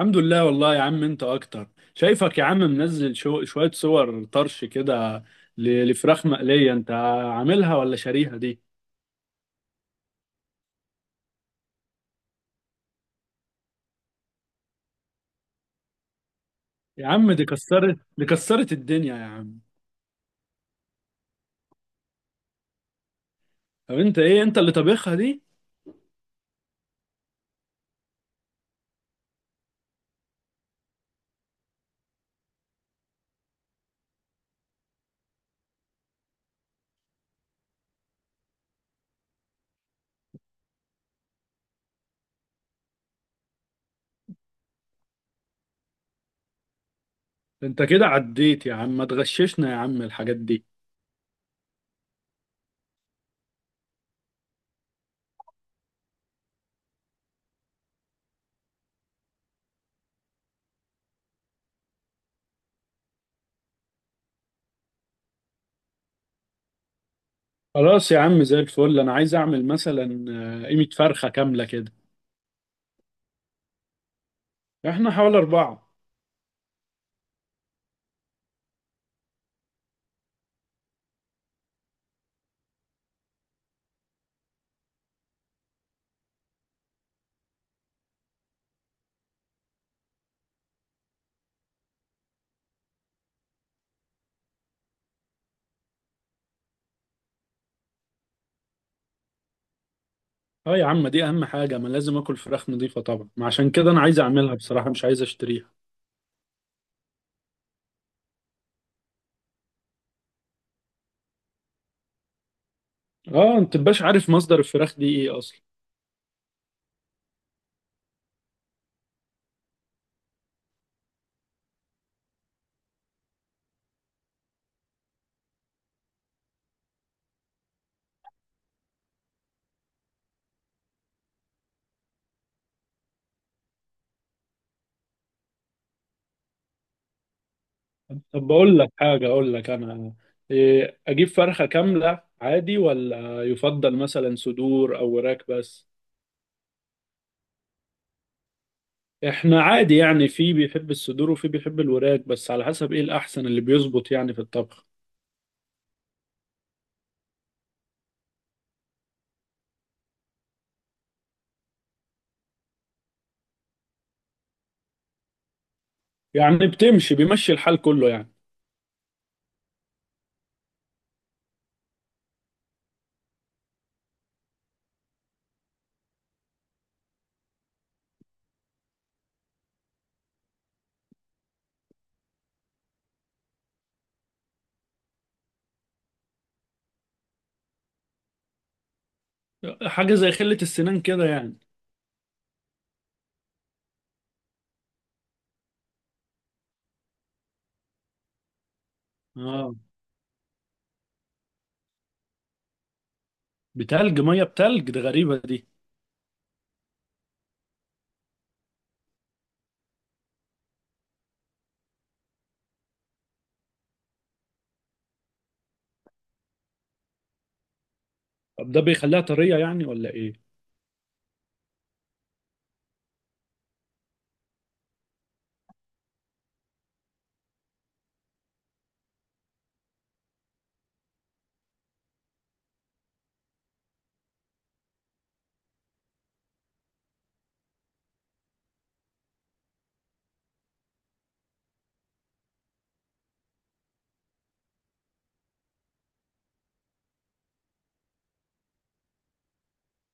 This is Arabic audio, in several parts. الحمد لله، والله يا عم انت اكتر. شايفك يا عم منزل شوية صور طرش كده لفراخ مقلية. انت عاملها ولا شاريها دي؟ يا عم دي كسرت الدنيا يا عم. طب انت ايه، انت اللي طبخها دي؟ انت كده عديت يا عم، ما تغششنا يا عم الحاجات دي. خلاص يا عم زي الفل، انا عايز اعمل مثلا قيمة فرخة كاملة كده. احنا حوالي اربعة. اه يا عم، دي اهم حاجة، ما لازم اكل فراخ نظيفة طبعا، ما عشان كده انا عايز اعملها بصراحة، مش عايز اشتريها. اه انت مبقاش عارف مصدر الفراخ دي ايه اصلا. طب بقول لك حاجه، اقول لك انا، إيه، اجيب فرخه كامله عادي ولا يفضل مثلا صدور او وراك بس؟ احنا عادي يعني، في بيحب الصدور وفي بيحب الوراك، بس على حسب ايه الاحسن اللي بيظبط يعني في الطبخ. يعني بتمشي، بيمشي الحال كله يعني. حاجه زي خله السنان كده يعني؟ اه ميه بتلج، ده غريبه دي. طب ده بيخليها طريه يعني ولا ايه؟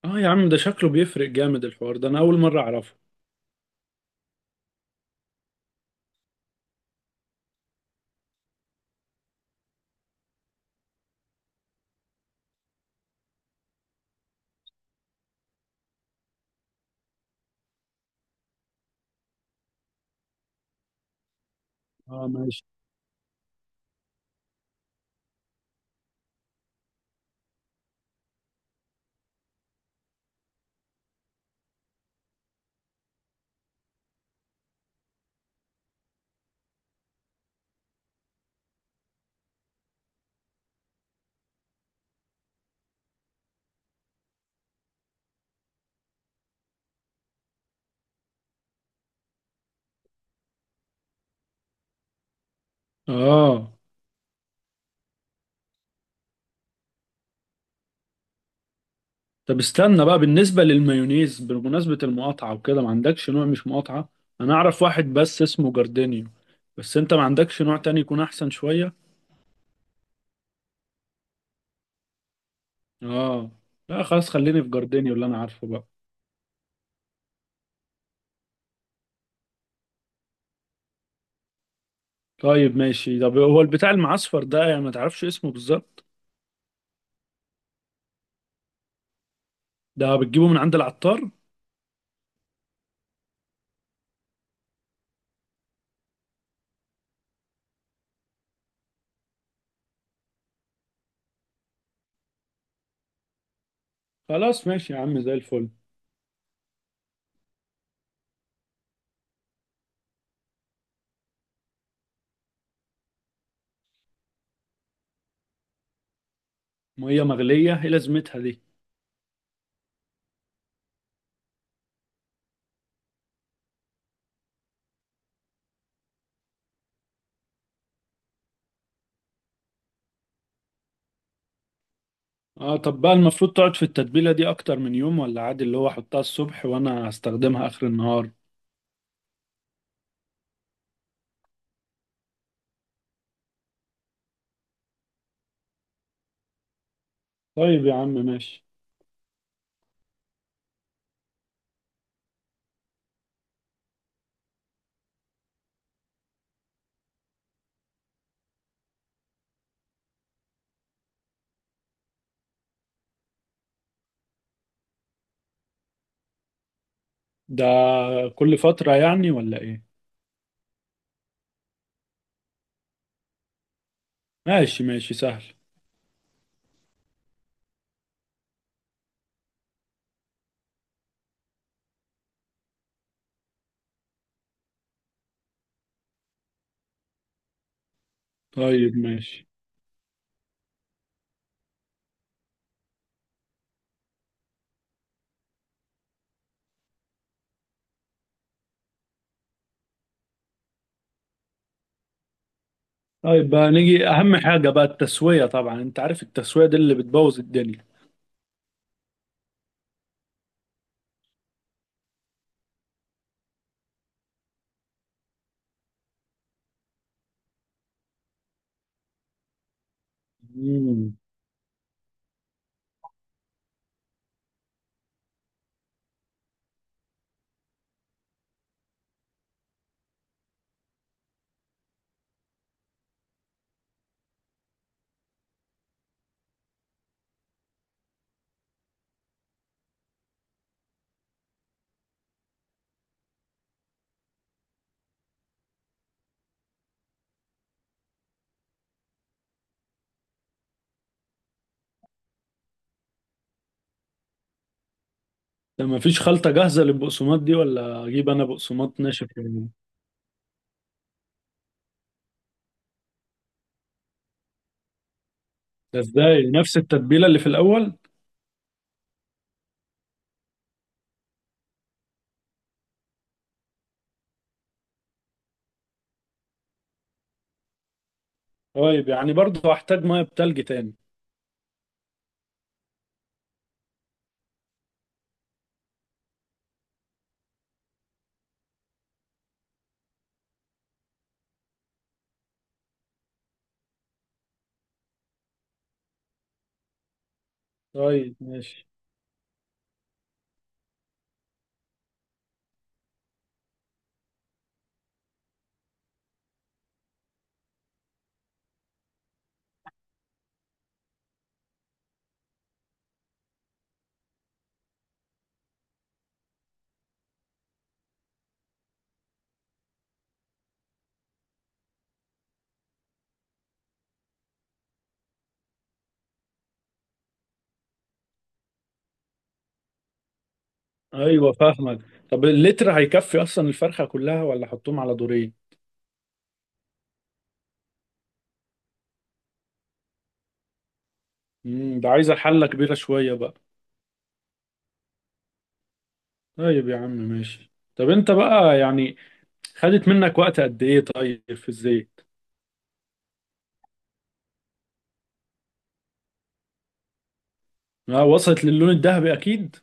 اه يا عم ده شكله بيفرق جامد، الحوار ده انا اول مره اعرفه. اه، ماشي. اه طب استنى بقى، بالنسبة للمايونيز، بمناسبة المقاطعة وكده، ما عندكش نوع؟ مش مقاطعة، انا اعرف واحد بس اسمه جاردينيو، بس انت ما عندكش نوع تاني يكون احسن شوية؟ اه. لا خلاص، خليني في جاردينيو اللي انا عارفه بقى. طيب ماشي، طب هو البتاع المعصفر ده يعني ما تعرفش اسمه بالظبط؟ ده بتجيبه من عند العطار؟ خلاص ماشي يا عم زي الفل. مية مغلية، ايه لازمتها دي؟ اه طب بقى المفروض تقعد في التتبيلة دي اكتر من يوم، ولا عادي اللي هو احطها الصبح وانا هستخدمها اخر النهار؟ طيب يا عم ماشي. ده كل فترة يعني ولا ايه؟ ماشي ماشي، سهل. طيب ماشي. طيب بقى نيجي اهم حاجة بقى، التسوية، طبعا انت عارف التسوية دي اللي بتبوظ الدنيا. امم. ده مفيش خلطة جاهزة للبقسماط دي ولا اجيب انا بقسماط ناشف يعني؟ ده ازاي، نفس التتبيلة اللي في الاول؟ طيب يعني برضه هحتاج مية بتلج تاني؟ طيب ماشي. ايوه، فاهمك. طب اللتر هيكفي اصلا الفرخة كلها ولا احطهم على دورين؟ ده عايزة حلة كبيرة شوية بقى. طيب يا عم ماشي، طب انت بقى يعني خدت منك وقت قد ايه طيب في الزيت؟ ما وصلت للون الذهبي اكيد.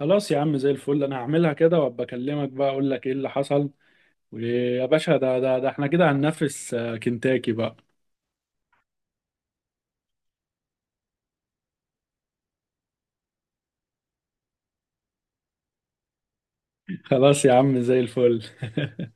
خلاص يا عم زي الفل، انا هعملها كده وابقى اكلمك بقى اقول لك ايه اللي حصل. ويا باشا، ده احنا كده هننافس كنتاكي بقى. خلاص يا عم زي الفل.